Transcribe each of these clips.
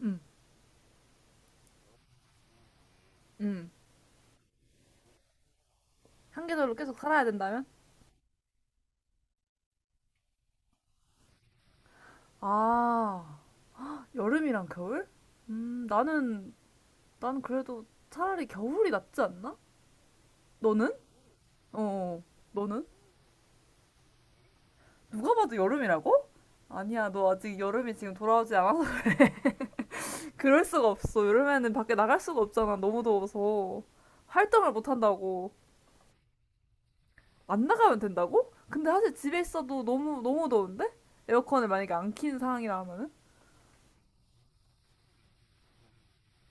응 응 한계절로 계속 살아야 된다면? 아, 여름이랑 겨울? 나는, 난 그래도 차라리 겨울이 낫지 않나? 너는? 어, 너는? 누가 봐도 여름이라고? 아니야, 너 아직 여름이 지금 돌아오지 않아서 그럴 수가 없어. 여름에는 밖에 나갈 수가 없잖아. 너무 더워서. 활동을 못 한다고. 안 나가면 된다고? 근데 사실 집에 있어도 너무, 너무 더운데? 에어컨을 만약에 안 킨 상황이라 하면은?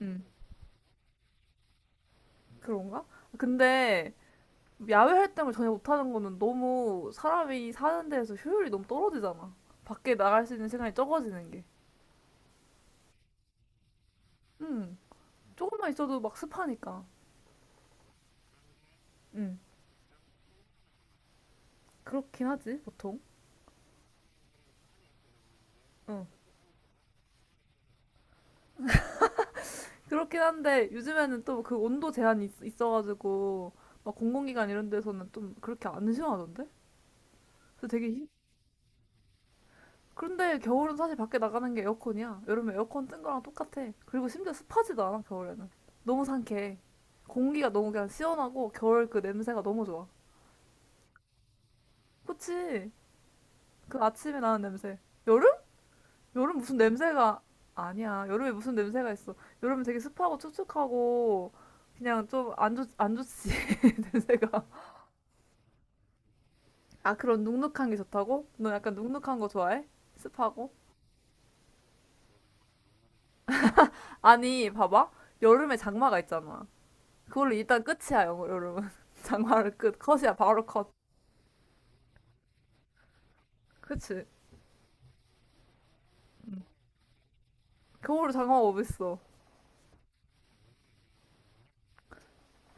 응. 그런가? 근데 야외 활동을 전혀 못하는 거는 너무 사람이 사는 데에서 효율이 너무 떨어지잖아. 밖에 나갈 수 있는 시간이 적어지는 게. 응. 조금만 있어도 막 습하니까. 응. 그렇긴 하지, 보통. 응. 그렇긴 한데, 요즘에는 또 그 온도 제한이 있어가지고, 막 공공기관 이런 데서는 좀 그렇게 안 시원하던데? 그래서 되게, 그런데 겨울은 사실 밖에 나가는 게 에어컨이야. 여름에 에어컨 뜬 거랑 똑같아. 그리고 심지어 습하지도 않아, 겨울에는. 너무 상쾌해. 공기가 너무 그냥 시원하고, 겨울 그 냄새가 너무 좋아. 그치. 그 아침에 나는 냄새. 여름? 여름 무슨 냄새가 아니야. 여름에 무슨 냄새가 있어. 여름은 되게 습하고 촉촉하고 그냥 좀 안 좋지. 냄새가. 아, 그런 눅눅한 게 좋다고? 너 약간 눅눅한 거 좋아해? 습하고? 아니, 봐봐. 여름에 장마가 있잖아. 그걸로 일단 끝이야, 여름은. 장마를 끝. 컷이야, 바로 컷. 그치. 겨울에 장마가 어딨어.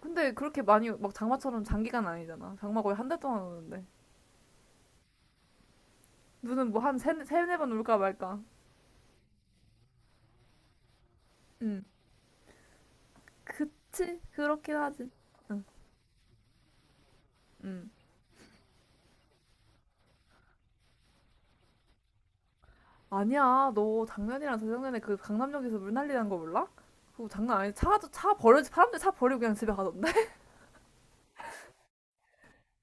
근데 그렇게 많이 막 장마처럼 장기간 아니잖아. 장마 거의 1달 동안 오는데. 눈은 뭐 한 세네 번 울까 말까. 응. 그치. 그렇긴 하지. 응. 응. 아니야. 너 작년이랑 재작년에 그 강남역에서 물 난리 난 거 몰라? 그거 장난 아니. 차도 차 버려 사람들 차 버리고 그냥 집에 가던데.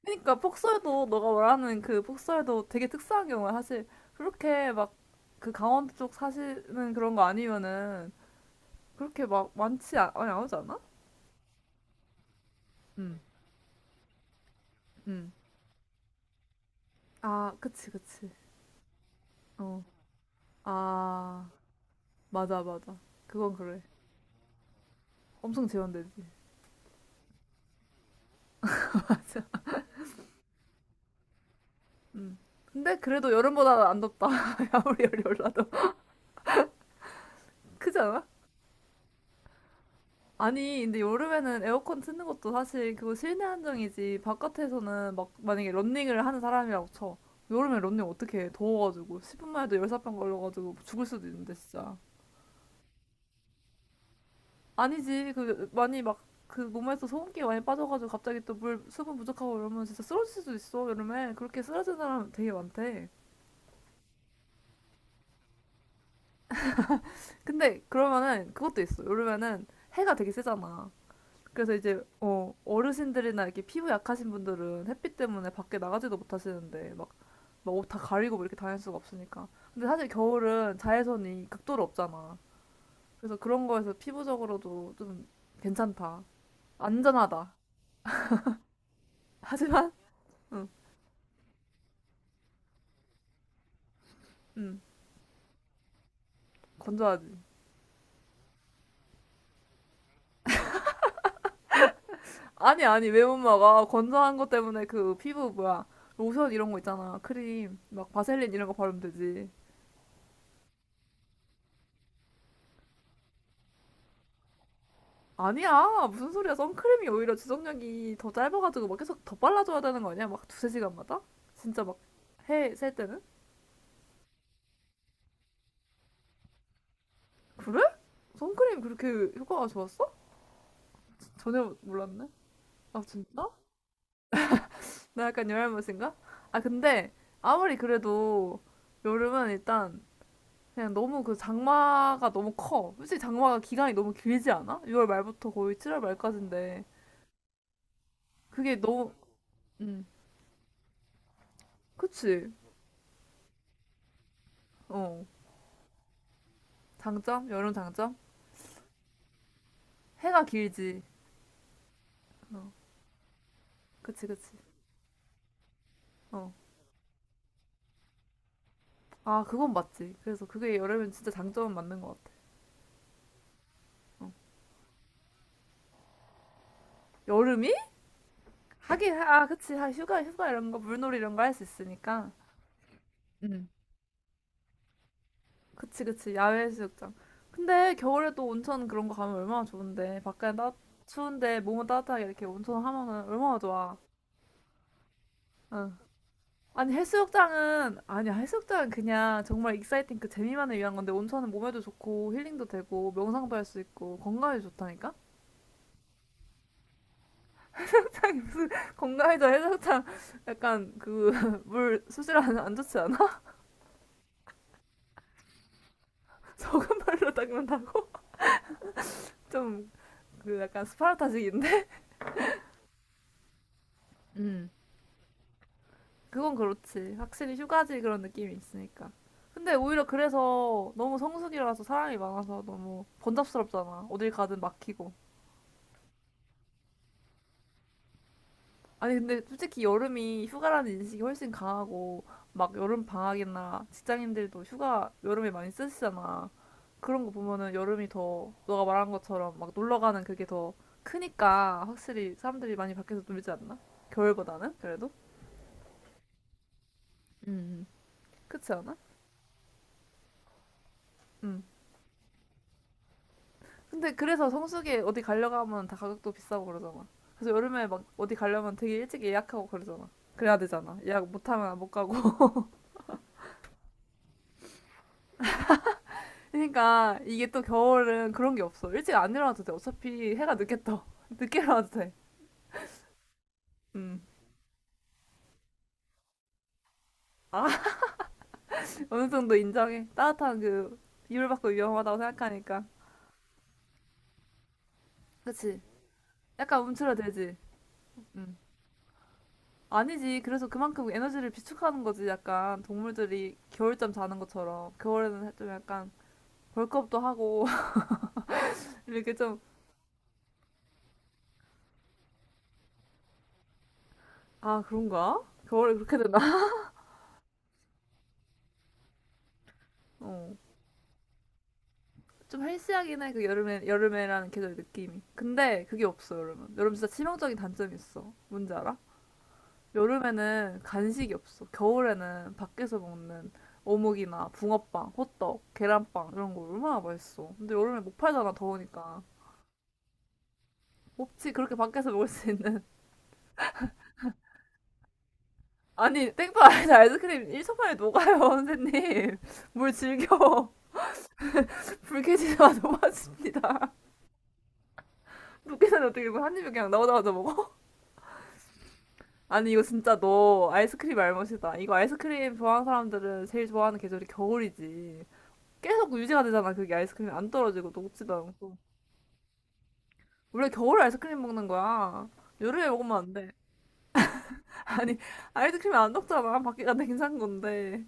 그러니까 폭설도 너가 말하는 그 폭설도 되게 특수한 경우야. 사실 그렇게 막 그 강원도 쪽 사시는 그런 거 아니면은 그렇게 막 많이 안 오지 않아? 응. 응. 아, 그치, 그치. 어. 아, 맞아, 맞아. 그건 그래. 엄청 재현되지. 맞아. 음. 근데 그래도 여름보다 안 덥다. 아무리 열이 올라도. 크지 않아? 아니, 근데 여름에는 에어컨 트는 것도 사실 그거 실내 한정이지. 바깥에서는 막 만약에 런닝을 하는 사람이라고 쳐. 여름에 런닝 어떻게 해? 더워가지고. 10분만 해도 열사병 걸려가지고 죽을 수도 있는데, 진짜. 아니지. 그, 많이 막, 그 몸에서 소금기 많이 빠져가지고 갑자기 또 물, 수분 부족하고 이러면 진짜 쓰러질 수도 있어, 여름에. 그렇게 쓰러진 사람 되게 많대. 근데 그러면은 그것도 있어. 여름에는 해가 되게 세잖아. 그래서 이제 어르신들이나 이렇게 피부 약하신 분들은 햇빛 때문에 밖에 나가지도 못하시는데 막 막 옷 다 가리고 뭐 이렇게 다닐 수가 없으니까. 근데 사실 겨울은 자외선이 극도로 없잖아. 그래서 그런 거에서 피부적으로도 좀 괜찮다. 안전하다. 하지만 응, 응, 건조하지. 아니 왜 못 먹어? 건조한 것 때문에 그 피부 뭐야 로션 이런 거 있잖아. 크림 막 바셀린 이런 거 바르면 되지. 아니야 무슨 소리야 선크림이 오히려 지속력이 더 짧아가지고 막 계속 더 빨라져야 되는 거 아니야 막 2~3시간마다 진짜 막 해 셀 때는 그래 선크림 그렇게 효과가 좋았어 전혀 몰랐네 아 진짜 나 약간 열알못인가 아 근데 아무리 그래도 여름은 일단 그냥 너무 그 장마가 너무 커 솔직히 장마가 기간이 너무 길지 않아 6월 말부터 거의 7월 말까지인데 그게 너무 음 그치 어 장점 여름 장점 해가 길지 어, 그치, 그치. 어. 아, 그건 맞지. 그래서 그게 여름엔 진짜 장점은 맞는 것 같아. 어. 여름이? 하긴, 하- 아, 그치. 하- 휴가, 휴가 이런 거, 물놀이 이런 거 할 수 있으니까. 그치, 그치. 야외 해수욕장. 근데 겨울에도 온천 그런 거 가면 얼마나 좋은데. 밖에 따, 추운데 몸은 따뜻하게 이렇게 온천 하면은 얼마나 좋아. 응. 아니, 해수욕장은, 아니야, 해수욕장은 그냥 정말 익사이팅 그 재미만을 위한 건데, 온천은 몸에도 좋고, 힐링도 되고, 명상도 할 수 있고, 건강에도 좋다니까? 건강에도 해장탕 약간 그 물 수질안 안안 좋지 않아? 적은 물로 닦는다고? 좀 그 약간 스파르타식인데? 음 그건 그렇지 확실히 휴가지 그런 느낌이 있으니까 근데 오히려 그래서 너무 성수기라서 사람이 많아서 너무 번잡스럽잖아 어딜 가든 막히고 아니 근데 솔직히 여름이 휴가라는 인식이 훨씬 강하고 막 여름 방학이나 직장인들도 휴가 여름에 많이 쓰시잖아. 그런 거 보면은 여름이 더 너가 말한 것처럼 막 놀러 가는 그게 더 크니까 확실히 사람들이 많이 밖에서 놀지 않나? 겨울보다는 그래도? 음. 그렇지 않아? 응. 근데 그래서 성수기에 어디 가려고 하면 다 가격도 비싸고 그러잖아. 그래서 여름에 막 어디 가려면 되게 일찍 예약하고 그러잖아. 그래야 되잖아. 예약 못하면 못 가고. 그러니까 이게 또 겨울은 그런 게 없어. 일찍 안 일어나도 돼. 어차피 해가 늦게 떠. 늦게 일어나도 돼. 음. 아, 어느 정도 인정해. 따뜻한 그 비율 받고 위험하다고 생각하니까. 그치. 약간 움츠러들지. 음. 아니지. 그래서 그만큼 에너지를 비축하는 거지. 약간 동물들이 겨울잠 자는 것처럼. 겨울에는 좀 약간 벌크업도 하고. 이렇게 좀, 아, 그런가? 겨울에 그렇게 되나? 어. 좀 헬스하긴 해, 그 여름에, 여름에라는 계절 느낌이. 근데 그게 없어, 여름은. 여름 진짜 치명적인 단점이 있어. 뭔지 알아? 여름에는 간식이 없어. 겨울에는 밖에서 먹는 어묵이나 붕어빵, 호떡, 계란빵 이런 거 얼마나 맛있어. 근데 여름에 못 팔잖아, 더우니까. 없지, 그렇게 밖에서 먹을 수 있는. 아니, 땡파 안에서 아이스크림 1초 만에 녹아요, 선생님. 뭘 즐겨. 불쾌지수가 높아집니다. 녹기 전에 어떻게 이거 한 입에 그냥 나오자마자 먹어? 아니 이거 진짜 너 아이스크림 알못이다. 이거 아이스크림 좋아하는 사람들은 제일 좋아하는 계절이 겨울이지. 계속 유지가 되잖아. 그게 아이스크림이 안 떨어지고 녹지도 않고. 원래 겨울 아이스크림 먹는 거야. 여름에 먹으면 안 돼. 아니 아이스크림이 안 녹잖아. 밖에 안돼 괜찮은 건데.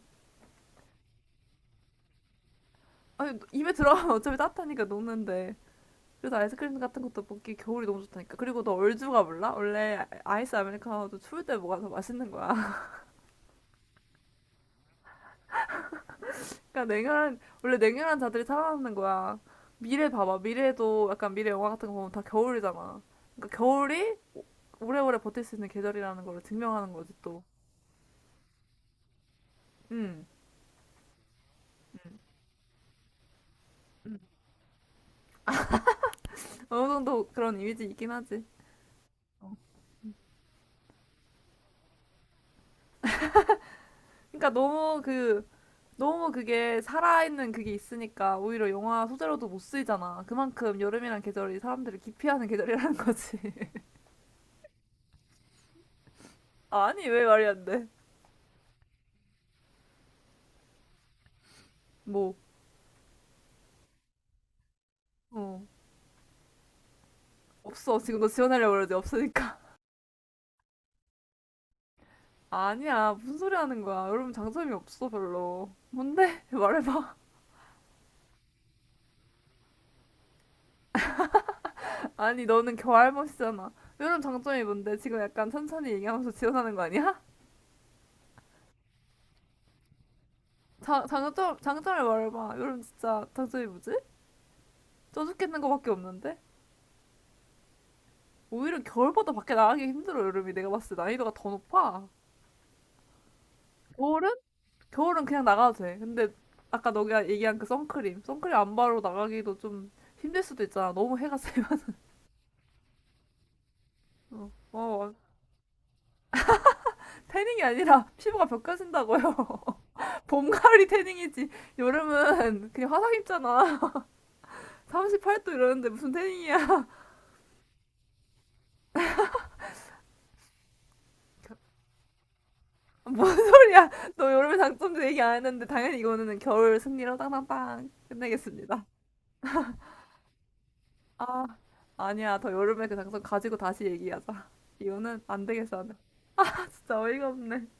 아니 입에 들어가면 어차피 따뜻하니까 녹는데. 그래서 아이스크림 같은 것도 먹기 겨울이 너무 좋다니까. 그리고 너 얼주가 몰라? 원래 아이스 아메리카노도 추울 때 먹어서 맛있는 거야. 그러니까 냉혈한 원래 냉혈한 자들이 살아남는 거야. 미래 봐봐. 미래도 약간 미래 영화 같은 거 보면 다 겨울이잖아. 그러니까 겨울이 오래오래 버틸 수 있는 계절이라는 걸 증명하는 거지 또. 음 어느 정도 그런 이미지 있긴 하지. 그러니까 너무 그 너무 그게 살아있는 그게 있으니까 오히려 영화 소재로도 못 쓰이잖아. 그만큼 여름이란 계절이 사람들을 기피하는 계절이라는 거지. 아니 왜 말이 안 돼? 뭐 어. 없어. 지금 너 지원하려고 그러지. 없으니까. 아니야, 무슨 소리 하는 거야. 여러분 장점이 없어, 별로. 뭔데? 말해봐. 아니, 너는 겨알할머잖아 여러분 장점이 뭔데? 지금 약간 천천히 얘기하면서 지어나는 거 아니야? 자, 장점, 장점을 말해봐. 여름 진짜 장점이 뭐지? 쪄 죽겠는 거밖에 없는데? 오히려 겨울보다 밖에 나가기 힘들어, 여름이. 내가 봤을 때 난이도가 더 높아. 겨울은? 겨울은 그냥 나가도 돼. 근데 아까 너가 얘기한 그 선크림. 선크림 안 바르고 나가기도 좀 힘들 수도 있잖아. 너무 해가 세면. 어, 어, 태닝이 아니라 피부가 벗겨진다고요. 봄, 가을이 태닝이지. 여름은 그냥 화상 입잖아. 38도 이러는데 무슨 태닝이야. 뭔 소리야. 너 여름의 장점도 얘기 안 했는데 당연히 이거는 겨울 승리로 땅땅땅 끝내겠습니다. 아, 아니야. 더 여름의 그 장점 가지고 다시 얘기하자. 이거는 안 되겠어. 진짜 어이가 없네.